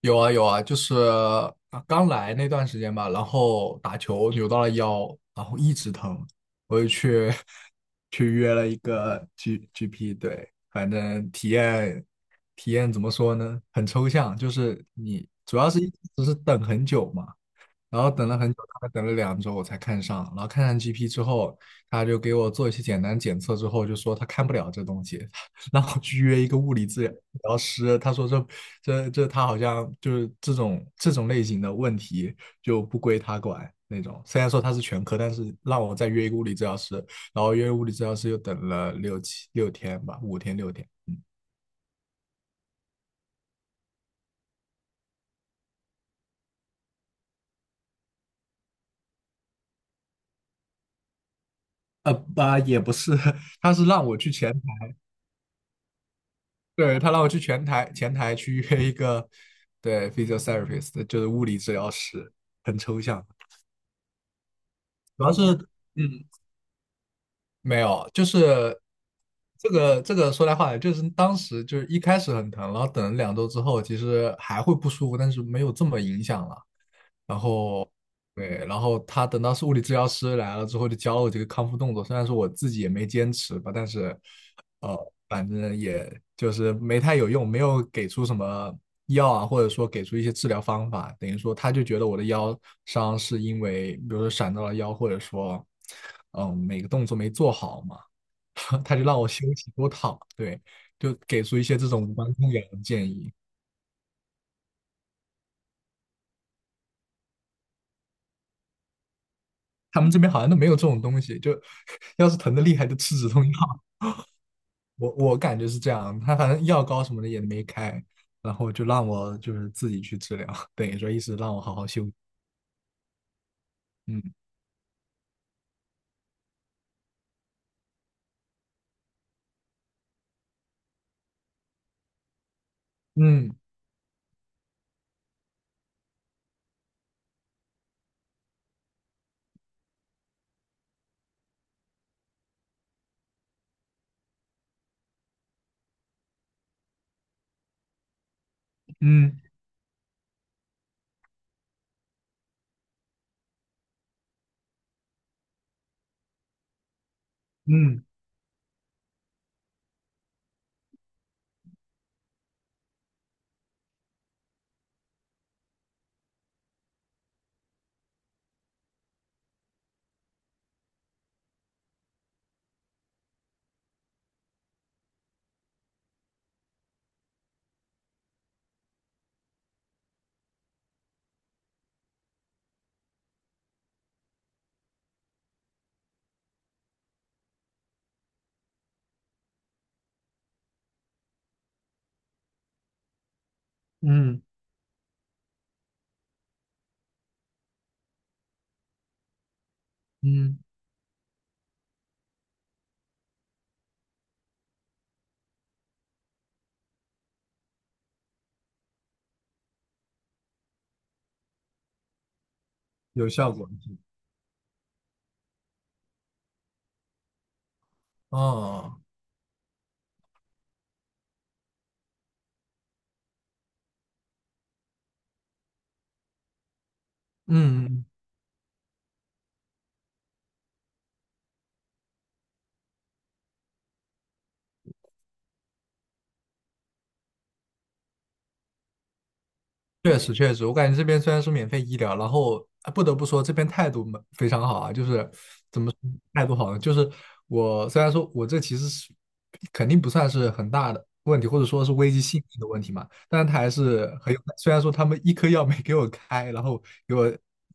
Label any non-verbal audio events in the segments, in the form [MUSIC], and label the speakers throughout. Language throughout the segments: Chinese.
Speaker 1: 有啊有啊，就是刚来那段时间吧，然后打球扭到了腰，然后一直疼，我就去 [LAUGHS] 去约了一个 GP，对，反正体验怎么说呢，很抽象，就是你主要是一直是等很久嘛，然后等了很久，大概等了两周我才看上。然后看上 GP 之后，他就给我做一些简单检测，之后就说他看不了这东西，[LAUGHS] 让我去约一个物理治疗师。他说这他好像就是这种类型的问题就不归他管那种。虽然说他是全科，但是让我再约一个物理治疗师，然后约物理治疗师又等了六七六天吧，5天6天。也不是，[LAUGHS] 他是让我去前对，他让我去前台去约一个对 physiotherapist，就是物理治疗师，很抽象。主要是嗯，没有，就是这个说来话长，就是当时就是一开始很疼，然后等了两周之后，其实还会不舒服，但是没有这么影响了。然后对，然后他等到是物理治疗师来了之后，就教了我这个康复动作。虽然说我自己也没坚持吧，但是呃，反正也就是没太有用，没有给出什么药啊，或者说给出一些治疗方法。等于说，他就觉得我的腰伤是因为，比如说闪到了腰，或者说每个动作没做好嘛，[LAUGHS] 他就让我休息多躺，对，就给出一些这种无关痛痒的建议。他们这边好像都没有这种东西，就 [LAUGHS] 要是疼的厉害就吃止痛药。[LAUGHS] 我感觉是这样，他反正药膏什么的也没开，然后就让我就是自己去治疗，[LAUGHS] 等于说意思让我好好休息。嗯嗯嗯嗯嗯嗯，有效果。哦，嗯，确实确实，我感觉这边虽然是免费医疗，然后啊不得不说这边态度蛮非常好啊，就是态度好了，就是我虽然说我这其实是肯定不算是很大的问题，或者说是危及性命的问题嘛，但是他还是很有。虽然说他们一颗药没给我开，然后给我，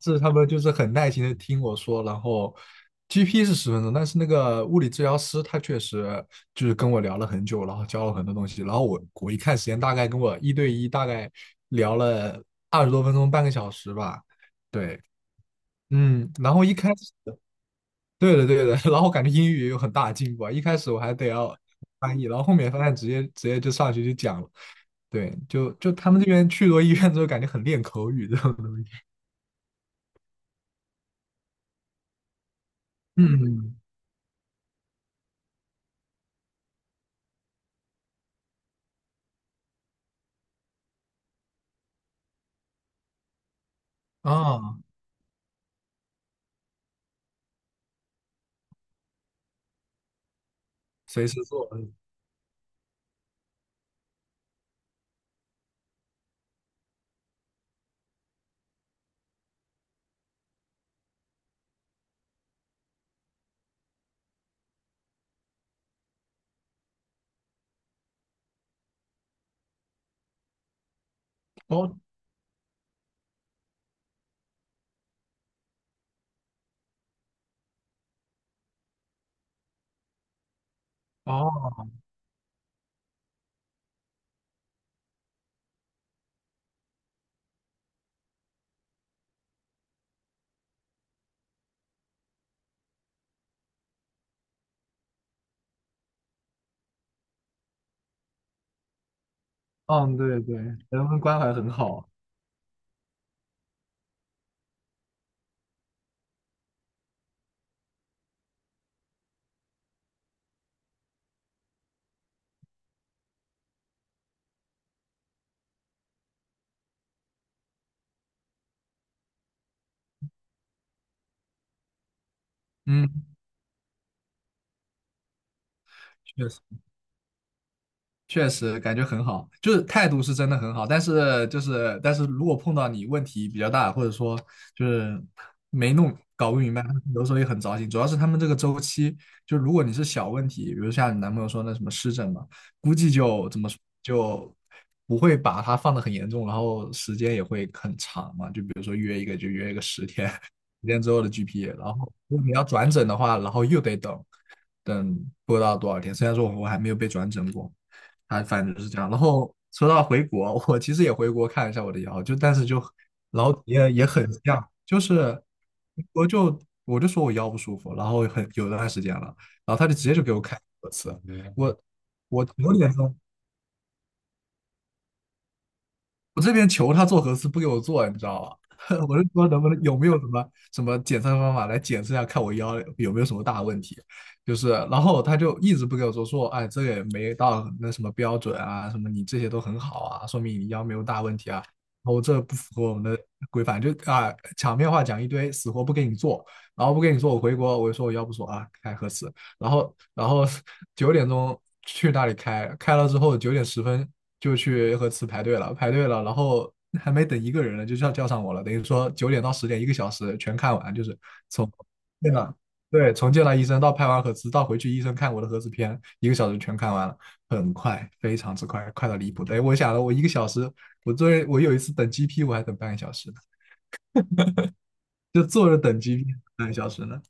Speaker 1: 是他们就是很耐心的听我说，然后 GP 是10分钟，但是那个物理治疗师他确实就是跟我聊了很久，然后教了很多东西，然后我一看时间，大概跟我一对一大概聊了20多分钟，半个小时吧，对。嗯，然后一开始对的，对的。[LAUGHS] 然后感觉英语也有很大的进步啊，一开始我还得要翻译，然后后面发现直接就上去就讲了。对，就他们这边去多医院之后，感觉很练口语这种东西。嗯，啊，随时做。哦哦，嗯，对对，人文关怀很好啊。嗯，确实。确实感觉很好，就是态度是真的很好，但是但是如果碰到你问题比较大，或者说就是没弄搞不明白，有时候也很糟心。主要是他们这个周期，就如果你是小问题，比如像你男朋友说那什么湿疹嘛，估计就怎么说就不会把它放的很严重，然后时间也会很长嘛。就比如说约一个十天，[LAUGHS] 十天之后的 GP，然后如果你要转诊的话，然后又得等不知道多少天。虽然说我还没有被转诊过。还反正就是这样。然后说到回国，我其实也回国看一下我的腰，就但是就然后也也很像，就是我就我就说我腰不舒服，然后很有段时间了，然后他就直接就给我开核磁，我我九点钟我这边求他做核磁不给我做，你知道吧？[LAUGHS] 我是说能不能有没有什么检测方法来检测一下，看我腰有没有什么大问题？就是，然后他就一直不给我做，说哎，这个也没到那什么标准啊，什么你这些都很好啊，说明你腰没有大问题啊。然后这不符合我们的规范，就啊场面话讲一堆，死活不给你做，然后不给你做，我回国我就说我腰不舒服啊，开核磁，然后九点钟去那里开，开了之后9点10分就去核磁排队了，排队了，然后还没等一个人呢，就叫上我了，等于说9点到10点一个小时全看完，就是从见了对从见了医生到拍完核磁到回去医生看我的核磁片，一个小时全看完了，很快，非常之快，快到离谱。哎，我想了，我一个小时，我作为我有一次等 GP 我还等半个小时呢，就坐着等 GP 半个小时呢。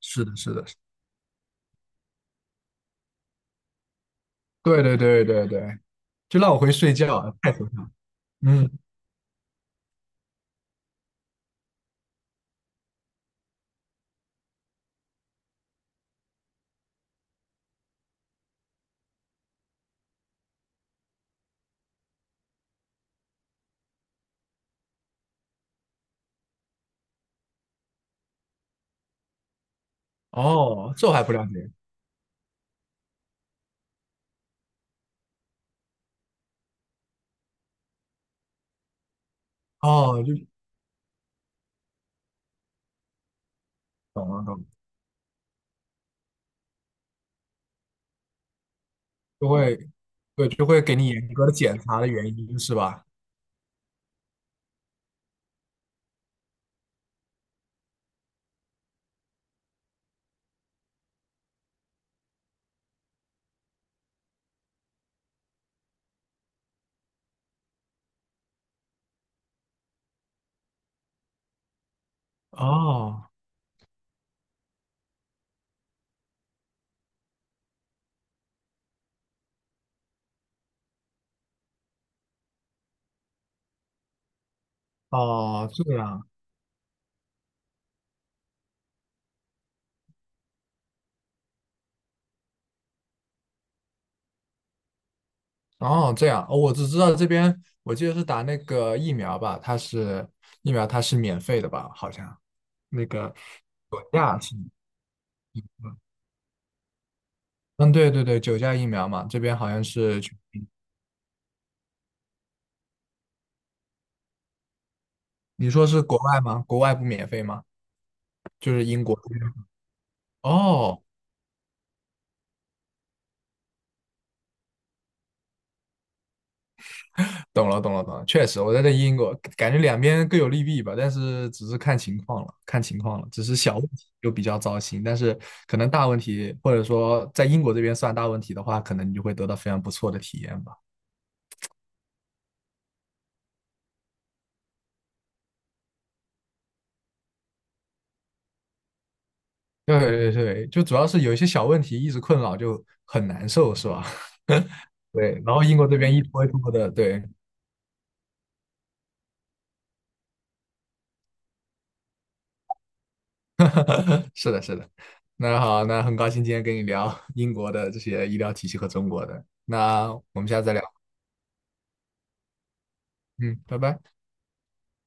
Speaker 1: 是的，是的，对对对对对，就让我回去睡觉啊，太嗯，哦，这我还不了解。哦，就懂了懂了，就会对，就会给你严格的检查的原因是吧？哦哦，这样哦，我只知道这边我记得是打那个疫苗吧，疫苗它是免费的吧？好像那个九价是，嗯对对对，九价疫苗嘛，这边好像是全民你说是国外吗？国外不免费吗？就是英国这边哦懂了，懂了，懂了。确实，我在这英国，感觉两边各有利弊吧，但是只是看情况了，看情况了。只是小问题就比较糟心，但是可能大问题，或者说在英国这边算大问题的话，可能你就会得到非常不错的体验吧。对对对，就主要是有一些小问题一直困扰，就很难受，是吧？[LAUGHS] 对，然后英国这边一拖一拖的，对，[LAUGHS] 是的，是的。那好，那很高兴今天跟你聊英国的这些医疗体系和中国的，那我们下次再聊。嗯，拜拜。